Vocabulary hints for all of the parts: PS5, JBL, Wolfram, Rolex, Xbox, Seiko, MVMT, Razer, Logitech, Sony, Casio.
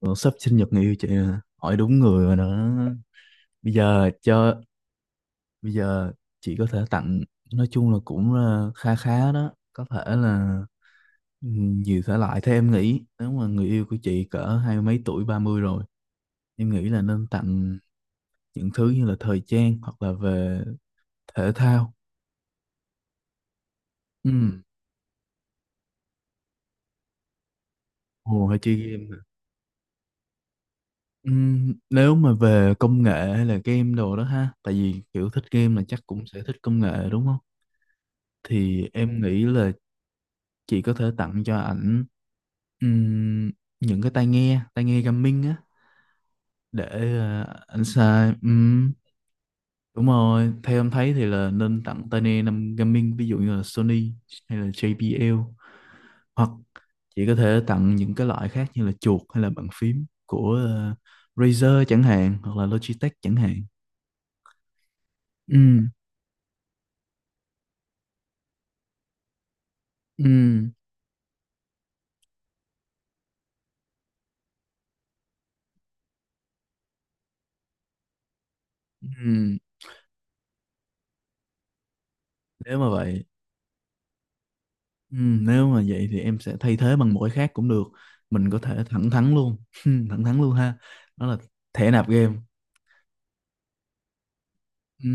Ủa, sắp sinh nhật người yêu chị rồi nè. Hỏi đúng người rồi đó. bây giờ cho Bây giờ chị có thể tặng, nói chung là cũng kha khá đó, có thể là nhiều thể loại. Theo em nghĩ, nếu mà người yêu của chị cỡ hai mươi mấy tuổi 30 rồi, em nghĩ là nên tặng những thứ như là thời trang hoặc là về thể thao. ừ Ồ, hay chơi game. ừ, Nếu mà về công nghệ hay là game đồ đó ha, tại vì kiểu thích game là chắc cũng sẽ thích công nghệ, đúng không? Thì em nghĩ là chị có thể tặng cho ảnh ừm, những cái tai nghe gaming á, để ảnh xài. Đúng rồi, theo em thấy thì là nên tặng tai nghe năm gaming, ví dụ như là Sony hay là JBL, hoặc chị có thể tặng những cái loại khác như là chuột hay là bàn phím của Razer chẳng hạn, hoặc là Logitech chẳng hạn. ừ ừ. ừ Nếu mà vậy, ừ, nếu mà vậy thì em sẽ thay thế bằng một cái khác cũng được. Mình có thể thẳng thắn luôn thẳng thắn luôn ha. Đó là thẻ nạp game. Ừ.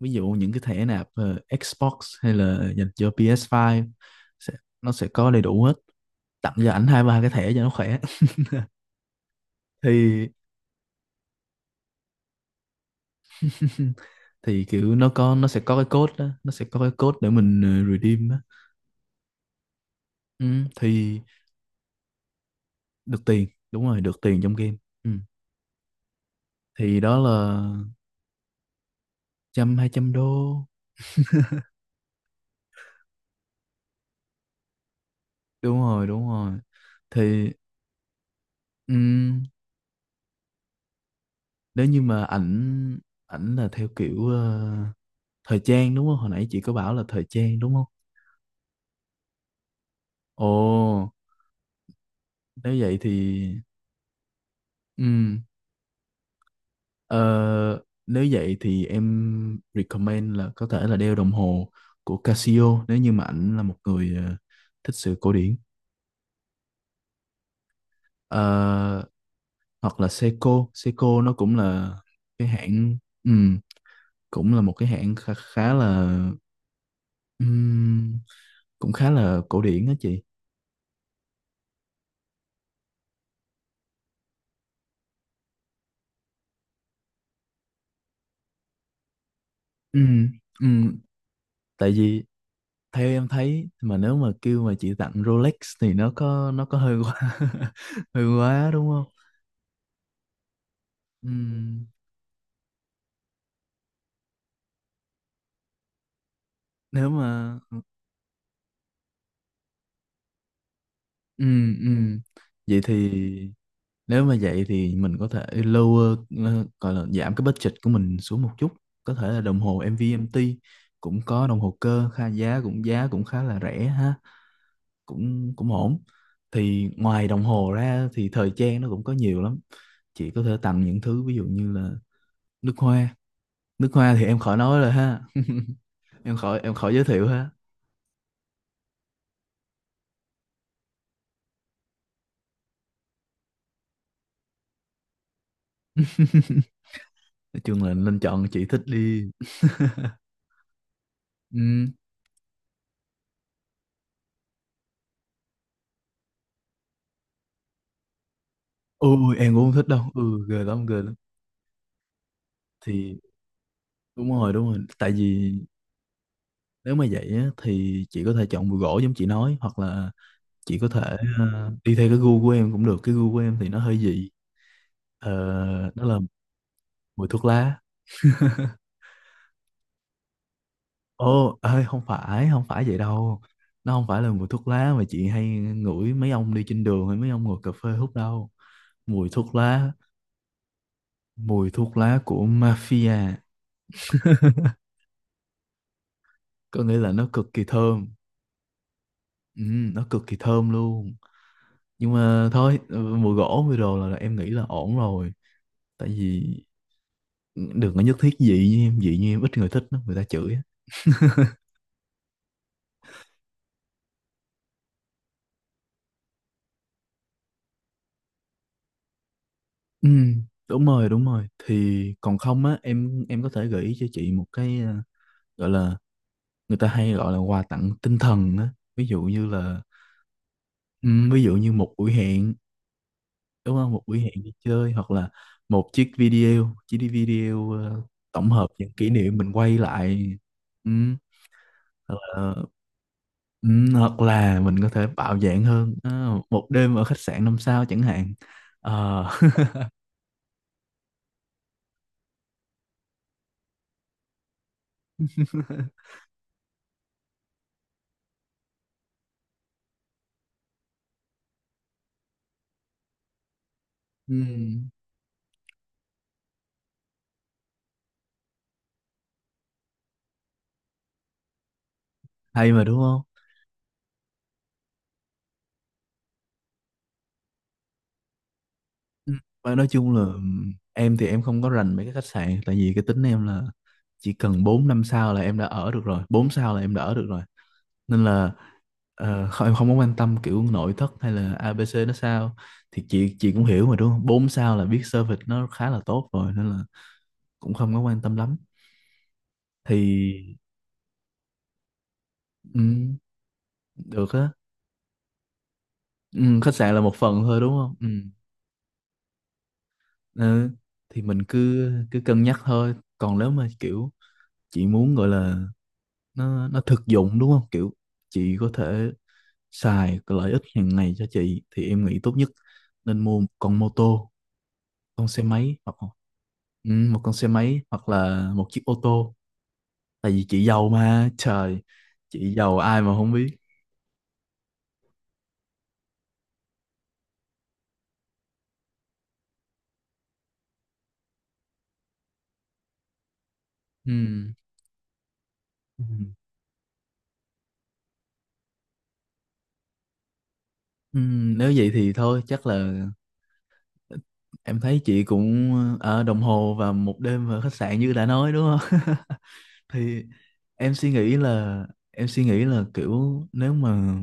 Ví dụ những cái thẻ nạp Xbox, hay là dành cho PS5, sẽ, nó sẽ có đầy đủ hết, tặng cho ảnh hai ba cái thẻ cho nó khỏe. Thì thì kiểu nó sẽ có cái code đó, nó sẽ có cái code để mình redeem đó. Ừ. Thì được tiền, đúng rồi, được tiền trong game. Ừ. Thì đó là trăm hai trăm đô. Đúng rồi, đúng rồi. Thì ừm, nếu như mà ảnh, ảnh là theo kiểu thời trang, đúng không, hồi nãy chị có bảo là thời trang đúng không? Ồ, nếu vậy thì ừm, ờ, nếu vậy thì em recommend là có thể là đeo đồng hồ của Casio, nếu như mà ảnh là một người thích sự cổ điển. Ờ, Hoặc là Seiko Seiko nó cũng là cái hãng, ừm, cũng là một cái hãng khá ừm, cũng khá là cổ điển đó chị. Ừ, ừ, tại vì theo em thấy, mà nếu mà kêu mà chị tặng Rolex thì nó có hơi quá hơi quá, đúng không? Ừ, nếu mà ừ, ừ. Vậy thì nếu mà vậy thì mình có thể lower, gọi là giảm cái budget của mình xuống một chút, có thể là đồng hồ MVMT, cũng có đồng hồ cơ kha, giá cũng khá là rẻ ha, cũng cũng ổn. Thì ngoài đồng hồ ra thì thời trang nó cũng có nhiều lắm, chị có thể tặng những thứ ví dụ như là nước hoa. Nước hoa thì em khỏi nói rồi ha, em khỏi giới thiệu ha. Nói chung là nên chọn chị thích đi. Ừ. Ôi, em cũng không thích đâu, ừ, ghê lắm, ghê lắm. Thì đúng rồi, đúng rồi, tại vì nếu mà vậy á, thì chị có thể chọn bùi gỗ giống chị nói, hoặc là chị có thể đi theo cái gu của em cũng được, cái gu của em thì nó hơi dị. Ờ, nó là mùi thuốc lá. Ồ, ơi không phải, không phải vậy đâu. Nó không phải là mùi thuốc lá mà chị hay ngửi mấy ông đi trên đường hay mấy ông ngồi cà phê hút đâu. Mùi thuốc lá, mùi thuốc lá của mafia, có nghĩa là nó cực kỳ thơm. Ừ, nó cực kỳ thơm luôn. Nhưng mà thôi, ừ, mùi gỗ mùi đồ là em nghĩ là ổn rồi. Tại vì đừng có nhất thiết dị như em ít người thích lắm, người ta chửi á. Ừ, đúng rồi, đúng rồi. Thì còn không á, em có thể gợi ý cho chị một cái gọi là, người ta hay gọi là quà tặng tinh thần á, ví dụ như là ừ, ví dụ như một buổi hẹn, đúng không, một buổi hẹn đi chơi, hoặc là một chiếc video chiếc đi video tổng hợp những kỷ niệm mình quay lại. Ừ, hoặc là, ừ, hoặc là mình có thể bạo dạn hơn, à, một đêm ở khách sạn 5 sao chẳng hạn. Ờ, ừ, hay mà đúng không. Ừ. Và nói chung là em thì em không có rành mấy cái khách sạn, tại vì cái tính em là chỉ cần 4 5 sao là em đã ở được rồi, 4 sao là em đã ở được rồi. Nên là không, em không có quan tâm kiểu nội thất hay là ABC nó sao. Thì chị cũng hiểu mà đúng không? 4 sao là biết service nó khá là tốt rồi, nên là cũng không có quan tâm lắm. Thì ừm, được á. Khách sạn là một phần thôi, đúng không? Ừm. Ừ. Thì mình cứ cứ cân nhắc thôi. Còn nếu mà kiểu chị muốn gọi là nó thực dụng, đúng không, kiểu chị có thể xài cái lợi ích hàng ngày cho chị, thì em nghĩ tốt nhất nên mua một con mô tô, con xe máy, hoặc ừ, một con xe máy, hoặc là một chiếc ô tô, tại vì chị giàu mà trời, chị giàu ai mà không biết. Ừ. Ừ. Ừ, nếu vậy thì thôi chắc là ờ, em thấy chị cũng ở đồng hồ và một đêm ở khách sạn như đã nói, đúng không. Thì em suy nghĩ là em suy nghĩ là kiểu nếu mà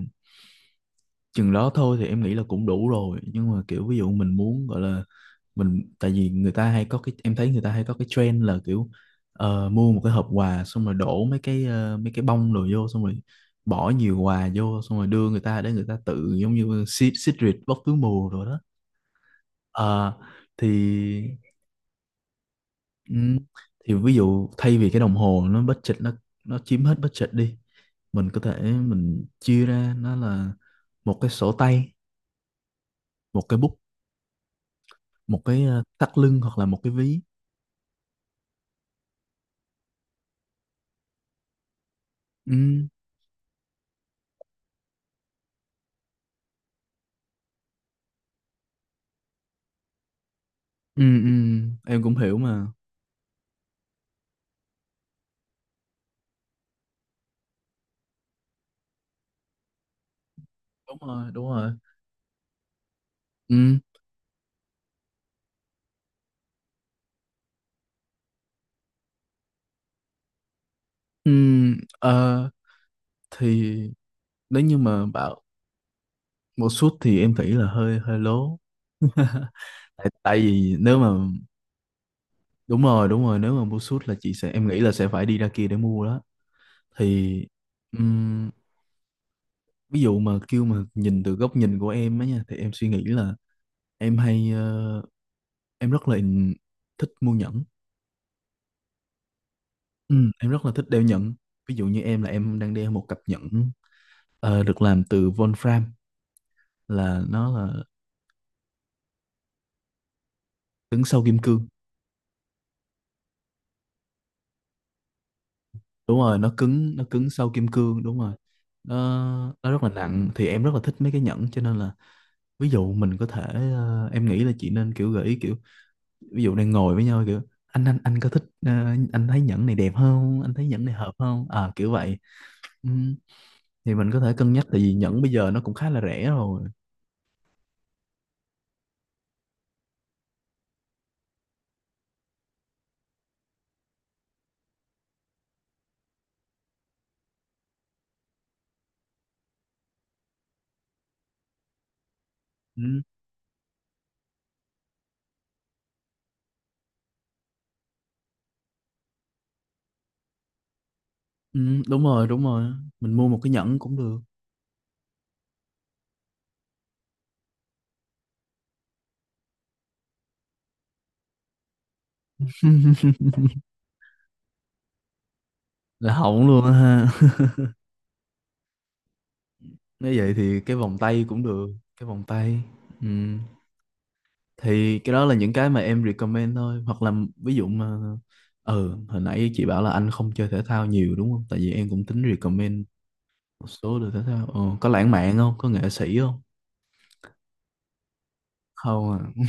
chừng đó thôi thì em nghĩ là cũng đủ rồi, nhưng mà kiểu ví dụ mình muốn gọi là mình, tại vì người ta hay có cái, em thấy người ta hay có cái trend là kiểu mua một cái hộp quà xong rồi đổ mấy cái mấy cái bông đồ vô, xong rồi bỏ nhiều quà vô, xong rồi đưa người ta để người ta tự giống như xịt xịt rịt, bóc túi mù rồi đó. Ờ, thì ừm, thì ví dụ thay vì cái đồng hồ nó budget nó chiếm hết budget đi, mình có thể mình chia ra nó là một cái sổ tay, một cái bút, một cái thắt lưng hoặc là một cái ví. Ừ, ừ, ừ. Em cũng hiểu mà. Đúng rồi, đúng rồi. Ừ, ừ. ờ, thì nếu như mà bảo một suit thì em nghĩ là hơi hơi lố. Tại, tại vì nếu mà đúng rồi, đúng rồi, nếu mà mua suit là chị sẽ, em nghĩ là sẽ phải đi ra kia để mua đó. Thì ừm, ví dụ mà kêu mà nhìn từ góc nhìn của em á nha, thì em suy nghĩ là em hay em rất là thích mua nhẫn. Ừ, em rất là thích đeo nhẫn. Ví dụ như em là em đang đeo một cặp nhẫn được làm từ Wolfram, là nó là cứng sau kim cương. Đúng rồi, nó cứng sau kim cương, đúng rồi. Nó nó rất là nặng, thì em rất là thích mấy cái nhẫn, cho nên là ví dụ mình có thể em nghĩ là chị nên kiểu gợi ý, kiểu ví dụ đang ngồi với nhau kiểu anh có thích anh thấy nhẫn này đẹp không? Anh thấy nhẫn này hợp không? À, kiểu vậy. Ừ, thì mình có thể cân nhắc, tại vì nhẫn bây giờ nó cũng khá là rẻ rồi. Ừ, đúng rồi, đúng rồi. Mình mua một cái nhẫn cũng được. Là hỏng luôn á ha. Nếu vậy thì cái vòng tay cũng được. Cái vòng tay. Ừ. Thì cái đó là những cái mà em recommend thôi. Hoặc là ví dụ mà... Ừ, hồi nãy chị bảo là anh không chơi thể thao nhiều đúng không? Tại vì em cũng tính recommend một số đồ thể thao. Ờ, có lãng mạn không? Có nghệ sĩ không? Không à.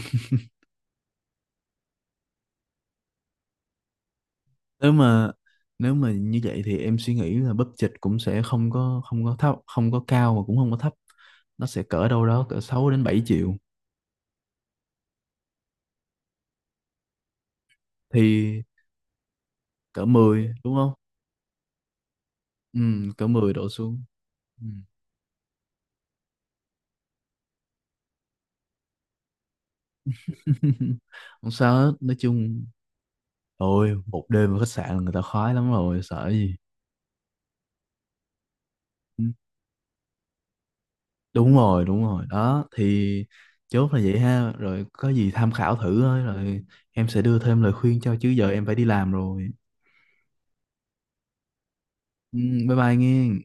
Nếu mà nếu mà như vậy thì em suy nghĩ là budget cũng sẽ không có, không có thấp, không có cao và cũng không có thấp. Nó sẽ cỡ đâu đó cỡ 6 đến 7 triệu, thì cỡ 10, đúng không? Ừ, cỡ 10 đổ xuống. Ừ. Không sao hết, nói chung ôi, một đêm ở khách sạn là người ta khoái lắm rồi, sợ gì. Ừ, đúng rồi, đúng rồi. Đó, thì chốt là vậy ha. Rồi có gì tham khảo thử thôi, rồi em sẽ đưa thêm lời khuyên cho, chứ giờ em phải đi làm rồi. Ừ, bye bye nghe.